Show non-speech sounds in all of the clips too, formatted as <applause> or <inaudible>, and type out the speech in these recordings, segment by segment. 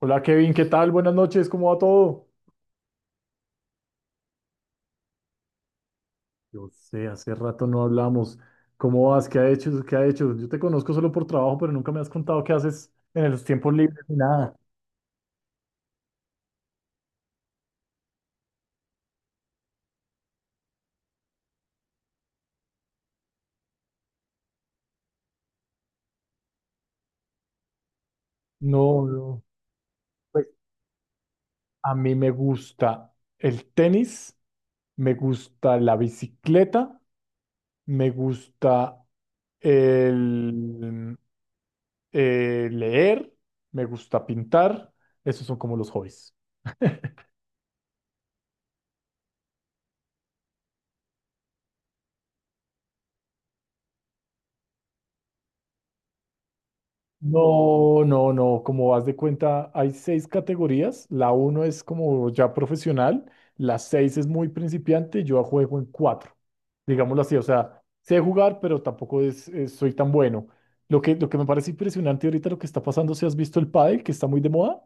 Hola Kevin, ¿qué tal? Buenas noches, ¿cómo va todo? Yo sé, hace rato no hablamos. ¿Cómo vas? ¿Qué ha hecho? Yo te conozco solo por trabajo, pero nunca me has contado qué haces en los tiempos libres ni nada. No, no. Pues a mí me gusta el tenis, me gusta la bicicleta, me gusta el, leer, me gusta pintar. Esos son como los hobbies. No, no, no, como vas de cuenta, hay seis categorías. La uno es como ya profesional, la seis es muy principiante, yo juego en cuatro, digámoslo así, o sea, sé jugar, pero tampoco soy tan bueno. Lo que me parece impresionante ahorita lo que está pasando, si has visto el pádel, que está muy de moda.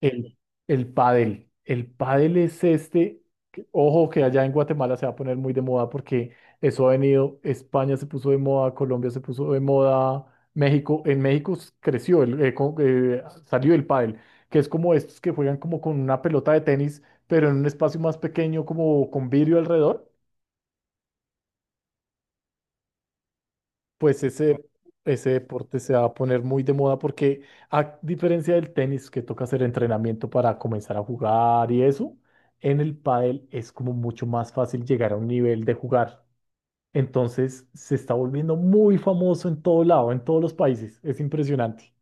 El, el pádel. El pádel es este, ojo que allá en Guatemala se va a poner muy de moda porque eso ha venido, España se puso de moda, Colombia se puso de moda, México, en México creció, salió el pádel, que es como estos que juegan como con una pelota de tenis, pero en un espacio más pequeño, como con vidrio alrededor. Pues ese deporte se va a poner muy de moda porque a diferencia del tenis que toca hacer entrenamiento para comenzar a jugar y eso, en el pádel es como mucho más fácil llegar a un nivel de jugar. Entonces se está volviendo muy famoso en todo lado, en todos los países. Es impresionante.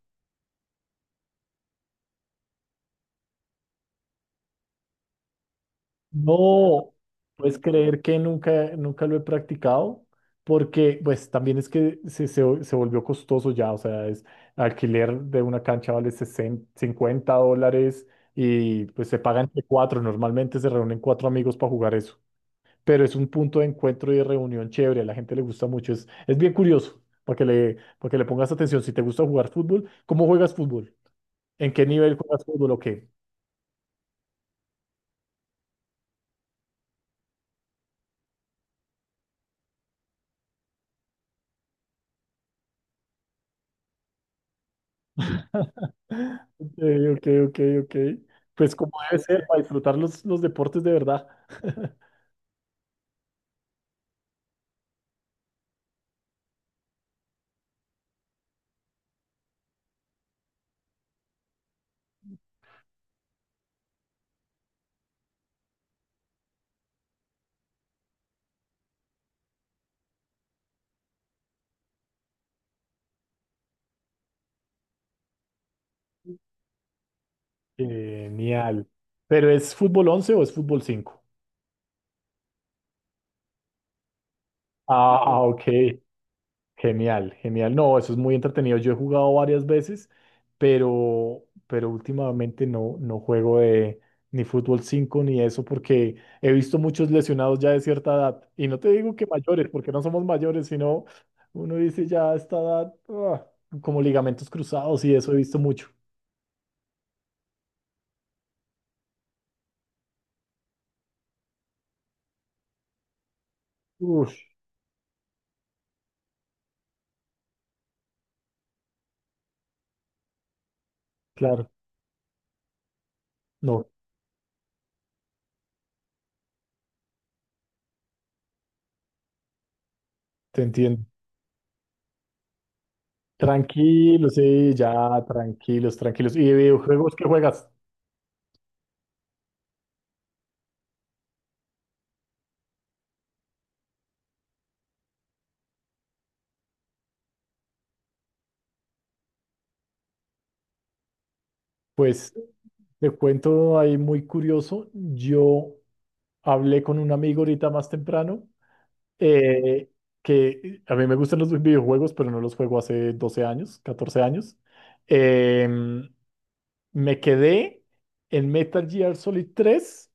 No, puedes creer que nunca, nunca lo he practicado, porque pues también es que se volvió costoso ya, o sea, es alquiler de una cancha vale 60 $50 y pues se paga entre cuatro, normalmente se reúnen cuatro amigos para jugar eso, pero es un punto de encuentro y de reunión chévere, a la gente le gusta mucho, es bien curioso, para que le pongas atención, si te gusta jugar fútbol, ¿cómo juegas fútbol? ¿En qué nivel juegas fútbol o qué? <laughs> Ok, ok, ok, ok. Pues como debe ser, para disfrutar los deportes de verdad. <laughs> Genial. ¿Pero es fútbol 11 o es fútbol 5? Ah, ok. Genial, genial. No, eso es muy entretenido. Yo he jugado varias veces, pero últimamente no juego de, ni fútbol 5 ni eso porque he visto muchos lesionados ya de cierta edad. Y no te digo que mayores, porque no somos mayores, sino uno dice ya a esta edad, ah, como ligamentos cruzados y eso he visto mucho. Uf, claro, no, te entiendo. Tranquilos, sí, ya, tranquilos, tranquilos. ¿Y de videojuegos qué juegas? Pues te cuento ahí muy curioso. Yo hablé con un amigo ahorita más temprano, eh, que a mí me gustan los videojuegos, pero no los juego hace 12 años, 14 años. Em, me quedé en Metal Gear Solid tres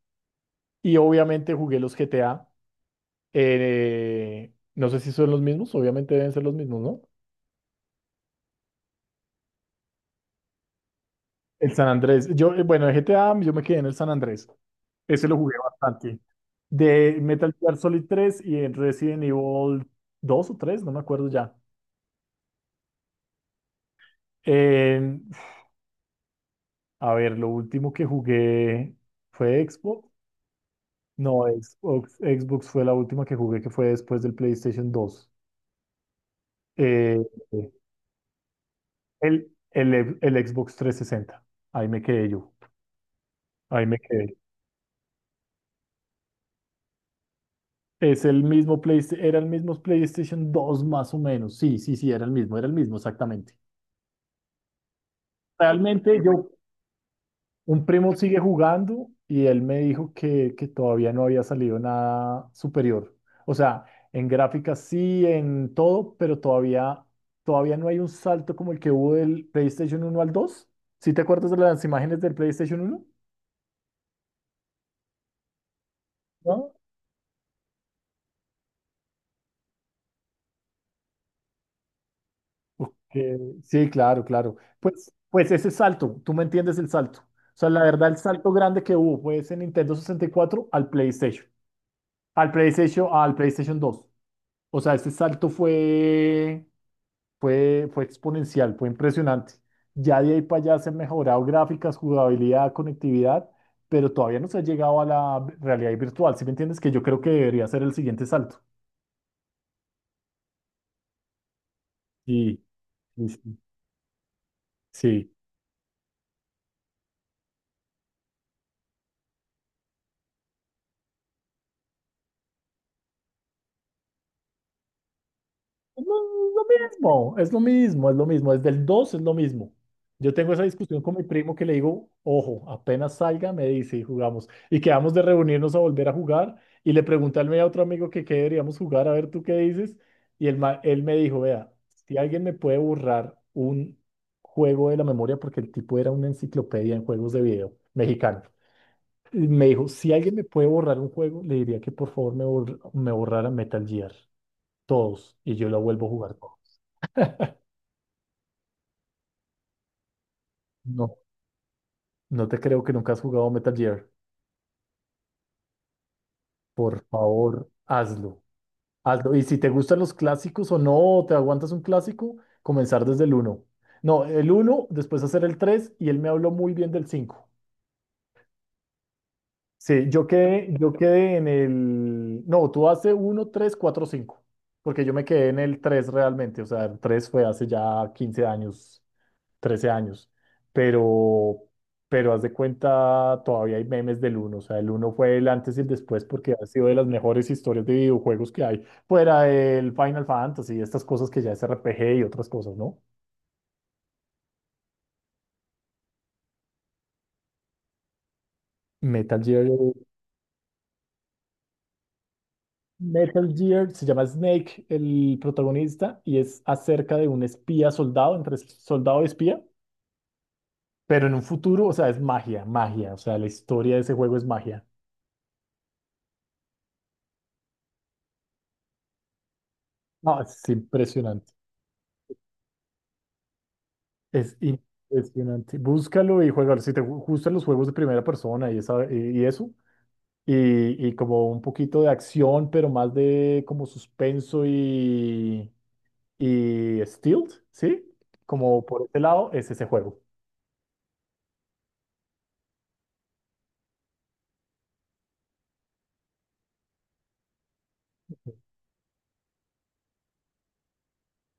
y obviamente jugué los GTA. No sé si son los mismos, obviamente deben ser los mismos, ¿no? El San Andrés. Yo, bueno, de GTA, yo me quedé en el San Andrés. Ese lo jugué bastante. De Metal Gear Solid tres y en Resident Evil dos o tres, no me acuerdo ya. Eh, a ver, lo último que jugué fue Xbox. No, Xbox, Xbox fue la última que jugué, que fue después del PlayStation dos. Eh, el Xbox 360. Ahí me quedé yo. Ahí me quedé. Es el mismo PlayStation, era el mismo PlayStation dos más o menos. Sí, sí, sí, era el mismo, exactamente. Realmente yo, un primo sigue jugando y él me dijo que todavía no había salido nada superior. O sea, en gráficas sí, en todo, pero todavía no hay un salto como el que hubo del PlayStation uno al 2. ¿Sí te acuerdas de las imágenes del PlayStation 1? Que- Sí, claro, claro. Pues ese salto, tú me entiendes el salto. O sea, la verdad, el salto grande que hubo fue ese Nintendo 64 al PlayStation, dos. O sea, ese salto fue exponencial, fue impresionante. Ya de ahí para allá se han mejorado gráficas, jugabilidad, conectividad, pero todavía no se ha llegado a la realidad virtual. ¿Sí me entiendes? Que yo creo que debería ser el siguiente salto. Sí, sí, sí. Sí. No, es lo mismo, es lo mismo, es lo mismo. Desde el 2 es lo mismo. Yo tengo esa discusión con mi primo que le digo, ojo, apenas salga, me dice y jugamos. Y quedamos de reunirnos a volver a jugar. Y le pregunté al medio a otro amigo que qué deberíamos jugar, a ver tú qué dices. Y él me dijo, vea, si alguien me puede borrar un juego de la memoria, porque el tipo era una enciclopedia en juegos de video mexicano. Y me dijo, si alguien me puede borrar un juego, le diría que por favor me borrara Metal Gear, todos, y yo lo vuelvo a jugar. No, no te creo que nunca has jugado Metal Gear. Por favor, hazlo. Hazlo. Y si te gustan los clásicos o no, te aguantas un clásico, comenzar desde el uno. No, el uno, después hacer el 3 y él me habló muy bien del 5. Sí, yo quedé en... el... No, tú hace uno, 3, 4, 5. Porque yo me quedé en el 3 realmente. O sea, el 3 fue hace ya 15 años, 13 años, pero, pero haz de cuenta, todavía hay memes del uno, o sea, el uno fue el antes y el después porque ha sido de las mejores historias de videojuegos que hay, fuera del Final Fantasy, estas cosas que ya es RPG y otras cosas, ¿no? Metal Gear, Metal Gear se llama Snake, el protagonista, y es acerca de un espía soldado, entre soldado y espía, pero en un futuro, o sea, es magia, magia, o sea, la historia de ese juego es magia. No, es impresionante. Es impresionante. Búscalo y juégalo. Si te gustan los juegos de primera persona y, y eso, y como un poquito de acción, pero más de como suspenso y, stealth, ¿sí? Como por ese lado, es ese juego.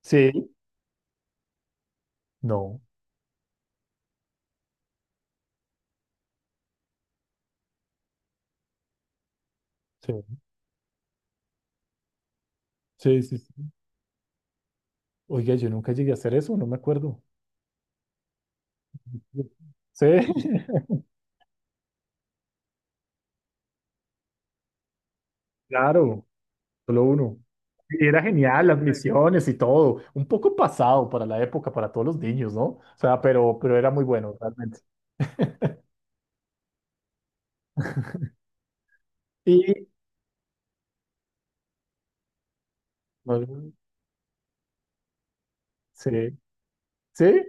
Sí. No. Sí, sí, sí. Sí. Oiga, yo nunca llegué a hacer eso, no me acuerdo. Sí, <laughs> claro. Solo uno. Y era genial, las misiones y todo. Un poco pasado para la época, para todos los niños, ¿no? O sea, pero era muy bueno, realmente. Y, bueno, sí, sí.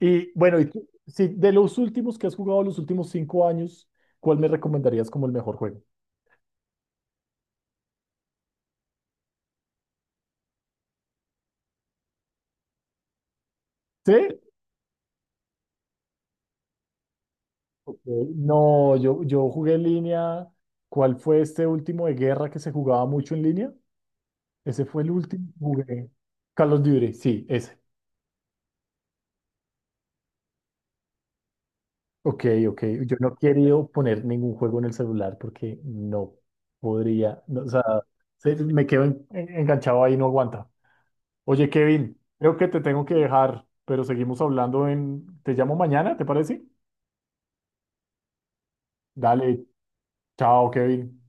Y bueno, y tú, sí, de los últimos que has jugado los últimos 5 años, ¿cuál me recomendarías como el mejor juego? ¿Sí? Ok. No, yo jugué en línea. ¿Cuál fue este último de guerra que se jugaba mucho en línea? Ese fue el último que jugué. Carlos of Duty, sí, ese. Ok, ok. Yo no quiero poner ningún juego en el celular porque no podría, no, o sea, me quedo enganchado ahí y no aguanta. Oye, Kevin, creo que te tengo que dejar, pero seguimos hablando en... ¿Te llamo mañana, te parece? Dale, chao, Kevin.